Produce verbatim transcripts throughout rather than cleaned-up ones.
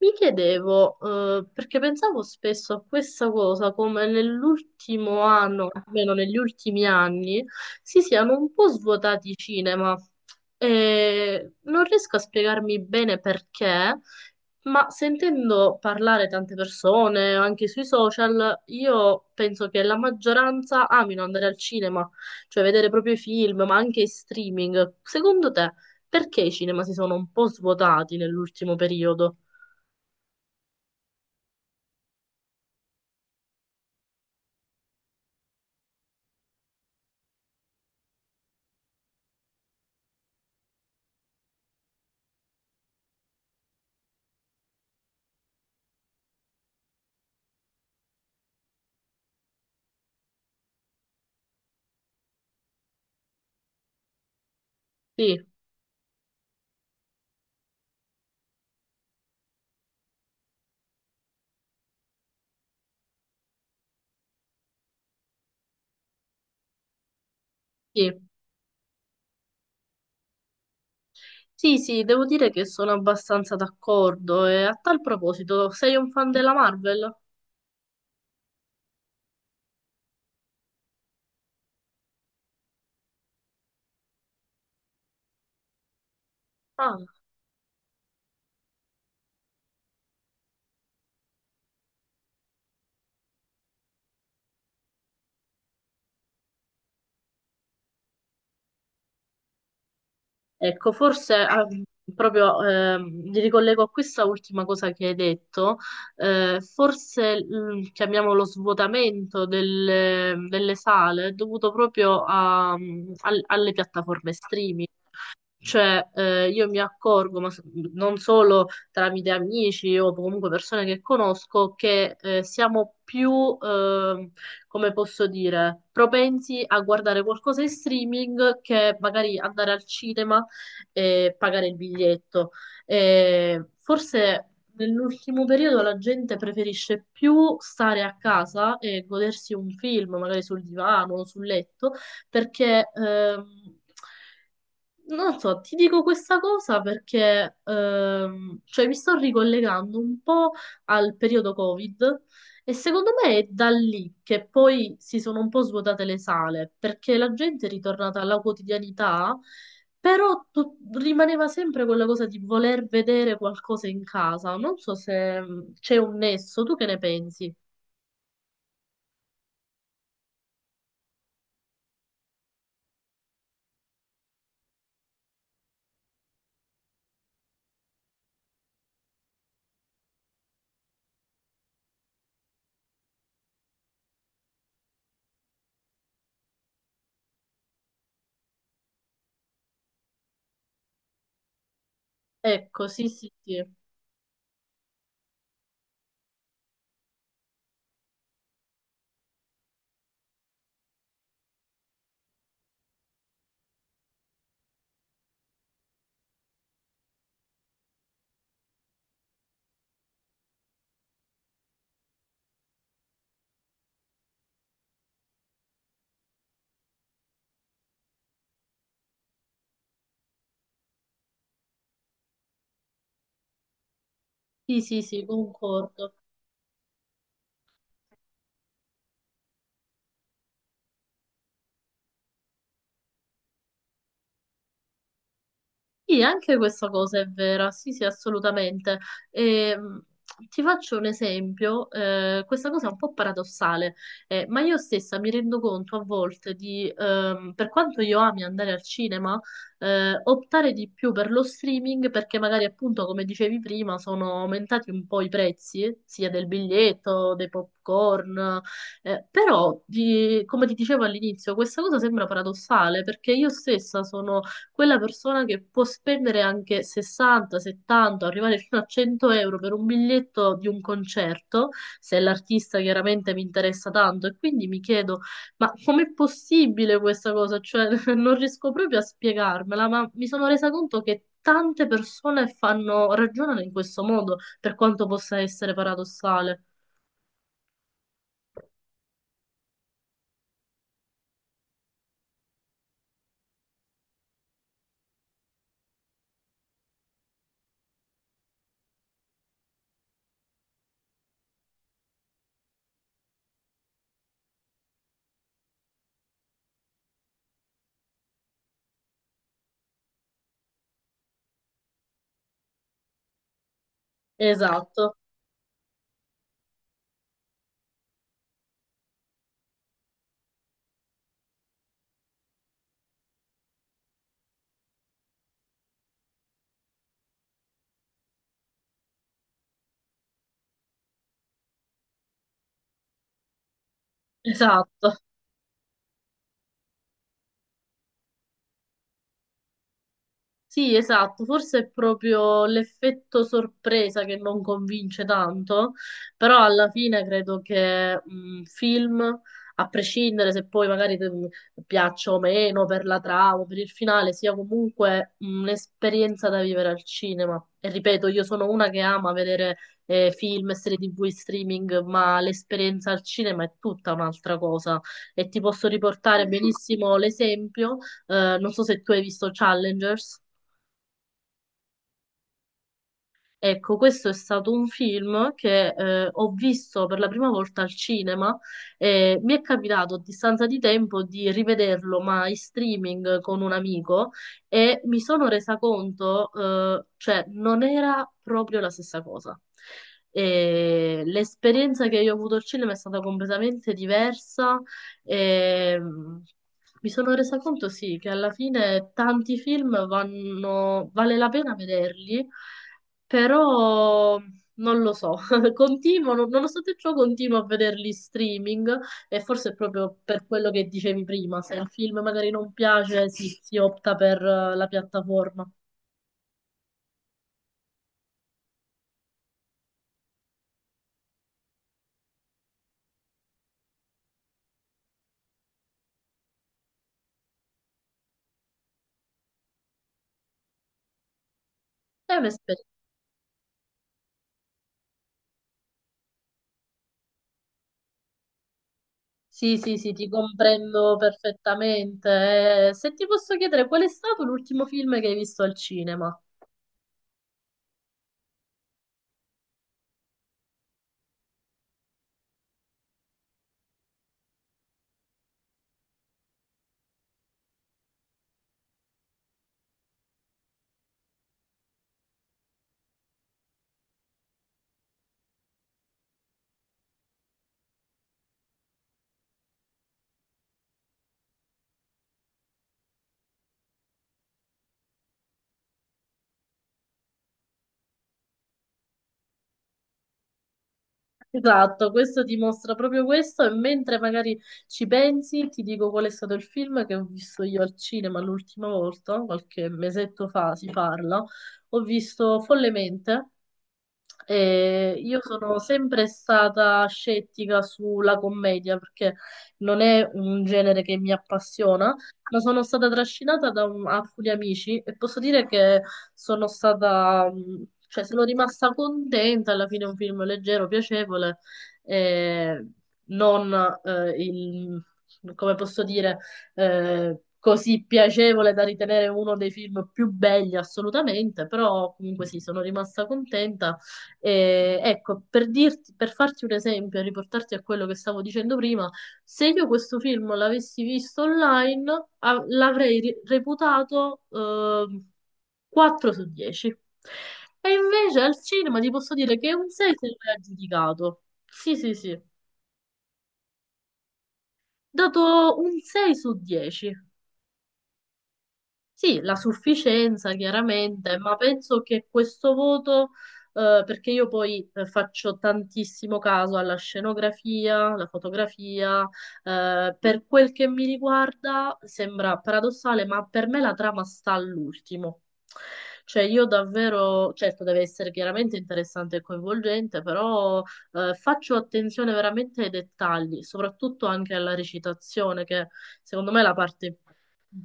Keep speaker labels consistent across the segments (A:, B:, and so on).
A: Mi chiedevo, eh, perché pensavo spesso a questa cosa, come nell'ultimo anno, almeno negli ultimi anni, si siano un po' svuotati i cinema. E non riesco a spiegarmi bene perché, ma sentendo parlare tante persone, anche sui social, io penso che la maggioranza amino andare al cinema, cioè vedere proprio i film, ma anche i streaming. Secondo te, perché i cinema si sono un po' svuotati nell'ultimo periodo? Sì, sì, sì, sì, devo dire che sono abbastanza d'accordo. E a tal proposito, sei un fan della Marvel? Ah, ecco, forse ah, proprio ehm, mi ricollego a questa ultima cosa che hai detto. Eh, forse mm, chiamiamolo lo svuotamento delle, delle sale è dovuto proprio a- mhmm, al- alle piattaforme streaming. Cioè, eh, io mi accorgo, ma s- non solo tramite amici o comunque persone che conosco, che eh, siamo più, ehm, come posso dire, propensi a guardare qualcosa in streaming che magari andare al cinema e pagare il biglietto. Eh, forse nell'ultimo periodo la gente preferisce più stare a casa e godersi un film, magari sul divano o sul letto perché ehm, non so, ti dico questa cosa perché ehm, cioè mi sto ricollegando un po' al periodo Covid e secondo me è da lì che poi si sono un po' svuotate le sale, perché la gente è ritornata alla quotidianità, però tu- rimaneva sempre quella cosa di voler vedere qualcosa in casa. Non so se mh, c'è un nesso, tu che ne pensi? Ecco, sì, sì, sì. Sì, sì, sì, concordo. Sì, anche questa cosa è vera, sì, sì, assolutamente. Ehm, Ti faccio un esempio, eh, questa cosa è un po' paradossale, eh, ma io stessa mi rendo conto a volte di, ehm, per quanto io ami andare al cinema, eh, optare di più per lo streaming perché magari appunto, come dicevi prima, sono aumentati un po' i prezzi, sia del biglietto, dei popcorn, eh, però, di- come ti dicevo all'inizio, questa cosa sembra paradossale perché io stessa sono quella persona che può spendere anche sessanta, settanta, arrivare fino a cento euro per un biglietto di un concerto, se l'artista chiaramente mi interessa tanto. E quindi mi chiedo, ma com'è possibile questa cosa? Cioè, non riesco proprio a spiegarmela, ma mi sono resa conto che tante persone fanno, ragionano in questo modo, per quanto possa essere paradossale. Esatto, esatto. Sì, esatto, forse è proprio l'effetto sorpresa che non convince tanto, però alla fine credo che un film, a prescindere se poi magari te- piaccia o meno per la trama, per il finale, sia comunque mhmm, un'esperienza da vivere al cinema. E ripeto, io sono una che ama vedere eh, film, serie T V, in streaming, ma l'esperienza al cinema è tutta un'altra cosa. E ti posso riportare benissimo l'esempio, eh, non so se tu hai visto Challengers. Ecco, questo è stato un film che eh, ho visto per la prima volta al cinema e mi è capitato a distanza di tempo di rivederlo, ma in streaming con un amico e mi sono resa conto, eh, cioè non era proprio la stessa cosa. E l'esperienza che io ho avuto al cinema è stata completamente diversa e mm, mi sono resa conto, sì, che alla fine tanti film vanno, vale la pena vederli però non lo so, continuo, non- nonostante ciò continuo a vederli in streaming e forse è proprio per quello che dicevi prima, se il film magari non piace, sì, si opta per eh, la piattaforma. È un'esperienza. Sì, sì, sì, ti comprendo perfettamente. Eh, se ti posso chiedere, qual è stato l'ultimo film che hai visto al cinema? Esatto, questo dimostra proprio questo e mentre magari ci pensi, ti dico qual è stato il film che ho visto io al cinema l'ultima volta, qualche mesetto fa si parla, ho visto Follemente, e io sono sempre stata scettica sulla commedia perché non è un genere che mi appassiona, ma sono stata trascinata da un- alcuni amici e posso dire che sono stata, mh, cioè sono rimasta contenta, alla fine è un film leggero, piacevole, e non eh, il, come posso dire, eh, così piacevole da ritenere uno dei film più belli assolutamente, però comunque sì, sono rimasta contenta e, ecco, per dirti, per farti un esempio, e riportarti a quello che stavo dicendo prima, se io questo film l'avessi visto online, a- l'avrei ri- reputato ehm, quattro su dieci. E invece al cinema ti posso dire che un sei se lo è aggiudicato. Sì, sì, sì. Dato un sei su dieci. Sì, la sufficienza chiaramente, ma penso che questo voto, eh, perché io poi eh, faccio tantissimo caso alla scenografia, alla fotografia, eh, per quel che mi riguarda sembra paradossale, ma per me la trama sta all'ultimo. Cioè io davvero, certo deve essere chiaramente interessante e coinvolgente, però eh, faccio attenzione veramente ai dettagli, soprattutto anche alla recitazione, che secondo me è la parte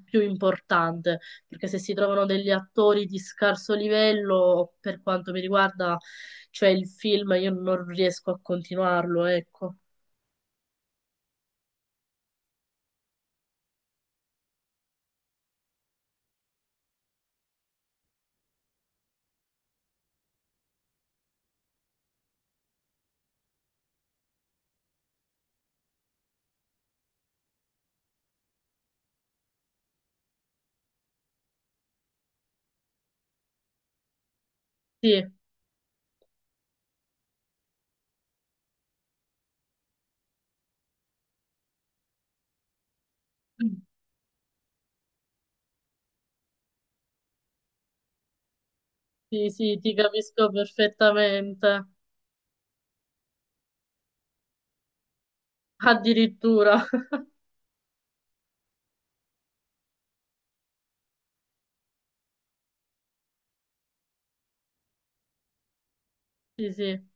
A: più importante perché se si trovano degli attori di scarso livello, per quanto mi riguarda, cioè il film, io non riesco a continuarlo, ecco. Sì, sì, sì, ti capisco perfettamente. Addirittura, sì, sì.